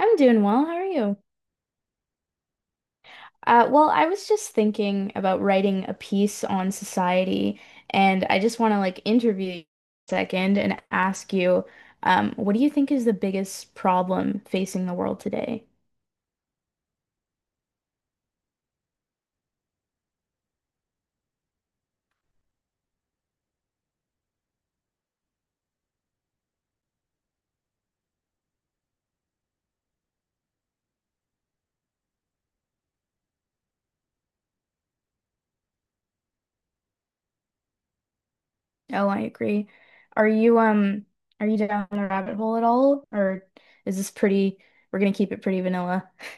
I'm doing well. How are you? Well, I was just thinking about writing a piece on society, and I just want to like interview you a second and ask you, what do you think is the biggest problem facing the world today? Oh, I agree. Are you are you down the rabbit hole at all, or is this pretty? We're gonna keep it pretty vanilla.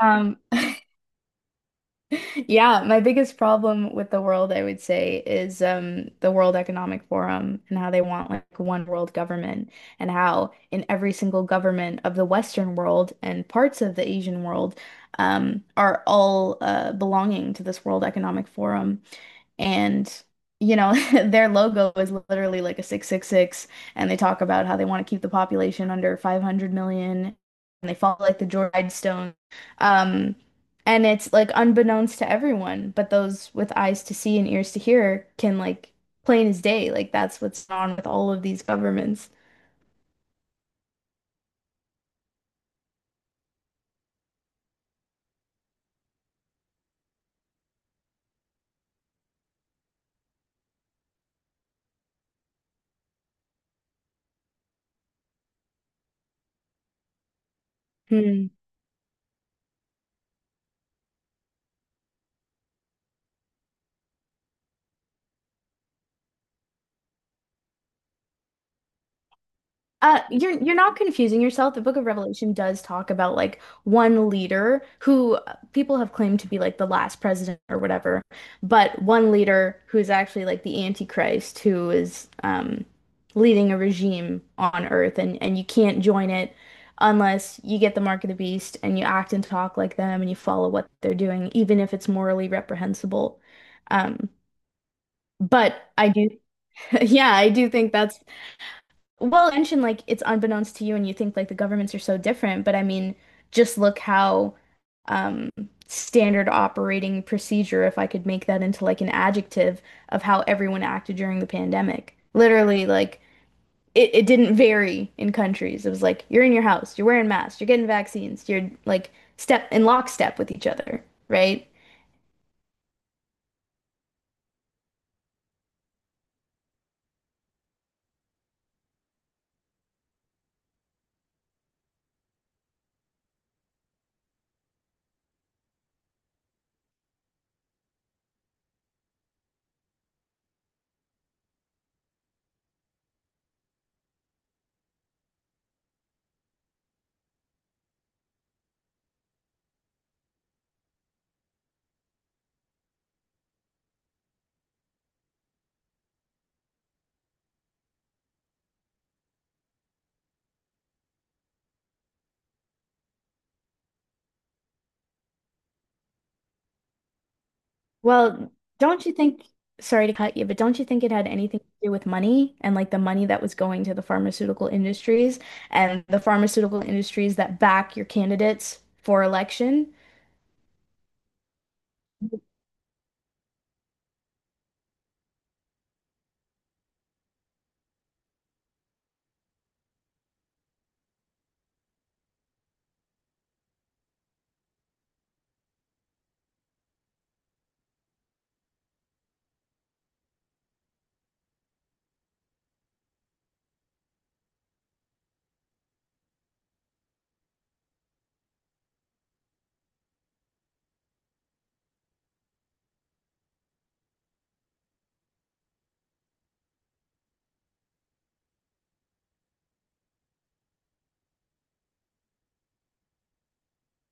Um, Yeah, my biggest problem with the world, I would say, is the World Economic Forum and how they want like one world government, and how in every single government of the Western world and parts of the Asian world are all belonging to this World Economic Forum. And you know, their logo is literally like a 666, and they talk about how they want to keep the population under 500 million, and they follow like the George Guidestones. Um, and it's like unbeknownst to everyone, but those with eyes to see and ears to hear can like plain as day. Like that's what's on with all of these governments. Hmm. You're not confusing yourself. The Book of Revelation does talk about like one leader who people have claimed to be like the last president or whatever, but one leader who is actually like the Antichrist who is leading a regime on Earth and you can't join it unless you get the mark of the beast and you act and talk like them and you follow what they're doing, even if it's morally reprehensible. Um, but I do, yeah, I do think that's well, you mentioned like it's unbeknownst to you, and you think like the governments are so different, but I mean, just look how um, standard operating procedure, if I could make that into like an adjective of how everyone acted during the pandemic. Literally, like it didn't vary in countries. It was like you're in your house, you're wearing masks, you're getting vaccines, you're like step in lockstep with each other, right? Well, don't you think, sorry to cut you, but don't you think it had anything to do with money and like the money that was going to the pharmaceutical industries and the pharmaceutical industries that back your candidates for election?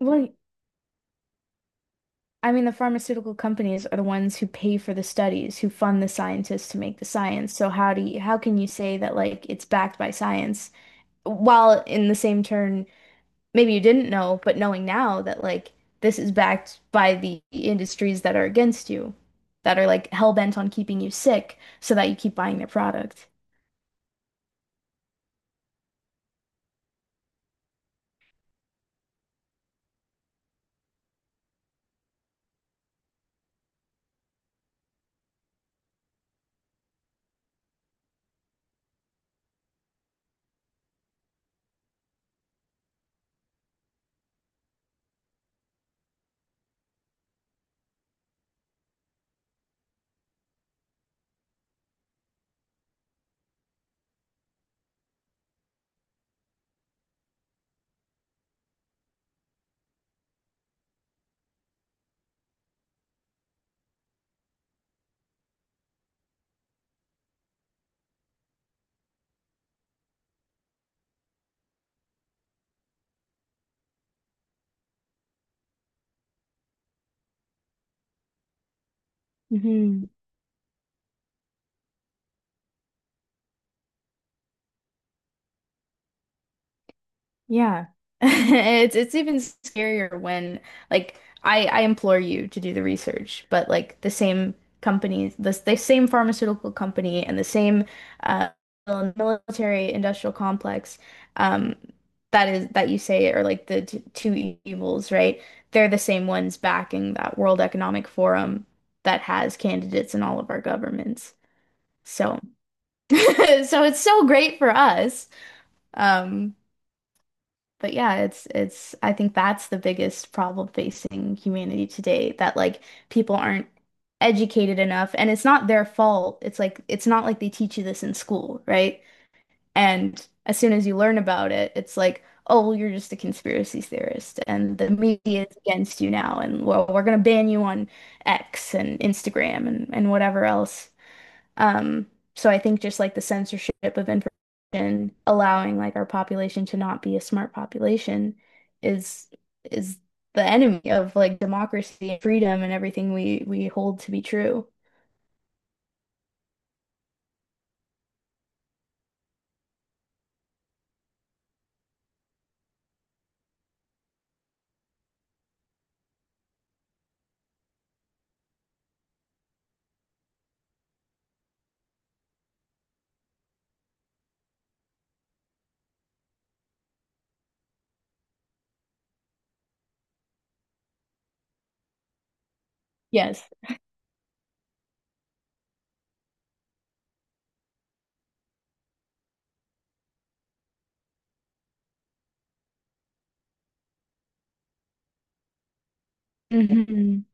Well, I mean, the pharmaceutical companies are the ones who pay for the studies, who fund the scientists to make the science. So how do you, how can you say that like it's backed by science while in the same turn maybe you didn't know, but knowing now that like this is backed by the industries that are against you, that are like hell bent on keeping you sick so that you keep buying their product. Yeah. It's even scarier when like I implore you to do the research, but like the same company, the same pharmaceutical company and the same uh military industrial complex um that is that you say are like the t two evils, right? They're the same ones backing that World Economic Forum that has candidates in all of our governments. So so it's so great for us. Um but yeah, it's I think that's the biggest problem facing humanity today that like people aren't educated enough and it's not their fault. It's like it's not like they teach you this in school, right? And as soon as you learn about it, it's like, oh, well, you're just a conspiracy theorist and the media is against you now and well, we're gonna ban you on X and Instagram and whatever else. Um, so I think just like the censorship of information, allowing like our population to not be a smart population is is the enemy of like democracy and freedom and everything we hold to be true. Yes. Hmm.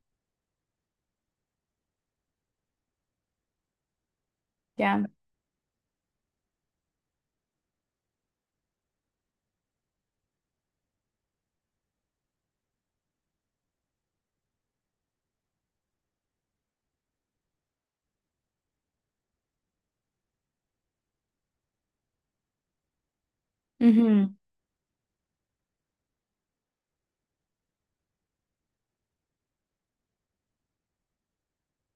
Yeah. Hmm.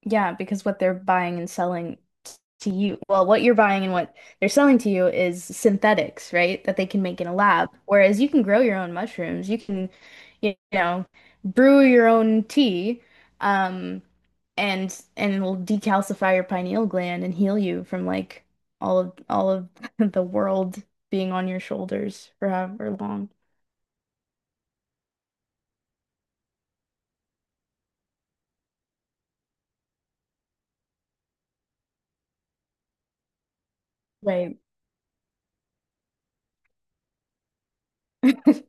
Yeah, because what they're buying and selling t- to you, well, what you're buying and what they're selling to you is synthetics, right? That they can make in a lab. Whereas you can grow your own mushrooms, you can, you know, brew your own tea, um, and it'll decalcify your pineal gland and heal you from like all of the world being on your shoulders for however long. Right.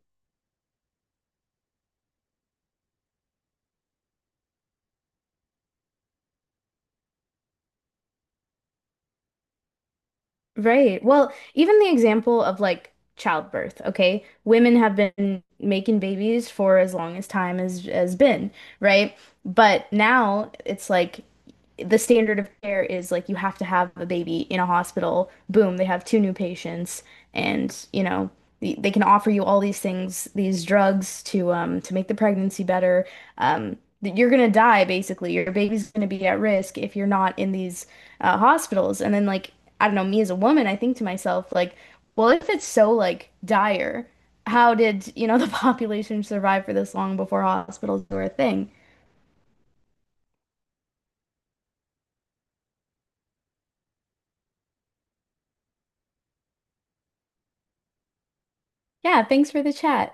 Right. Well, even the example of like childbirth, okay? Women have been making babies for as long as time has been, right? But now it's like the standard of care is like you have to have a baby in a hospital. Boom, they have 2 new patients, and you know they can offer you all these things, these drugs to make the pregnancy better. That you're gonna die basically. Your baby's gonna be at risk if you're not in these hospitals. And then like I don't know, me as a woman, I think to myself like, well, if it's so like dire, how did you know the population survive for this long before hospitals were a thing? Yeah, thanks for the chat.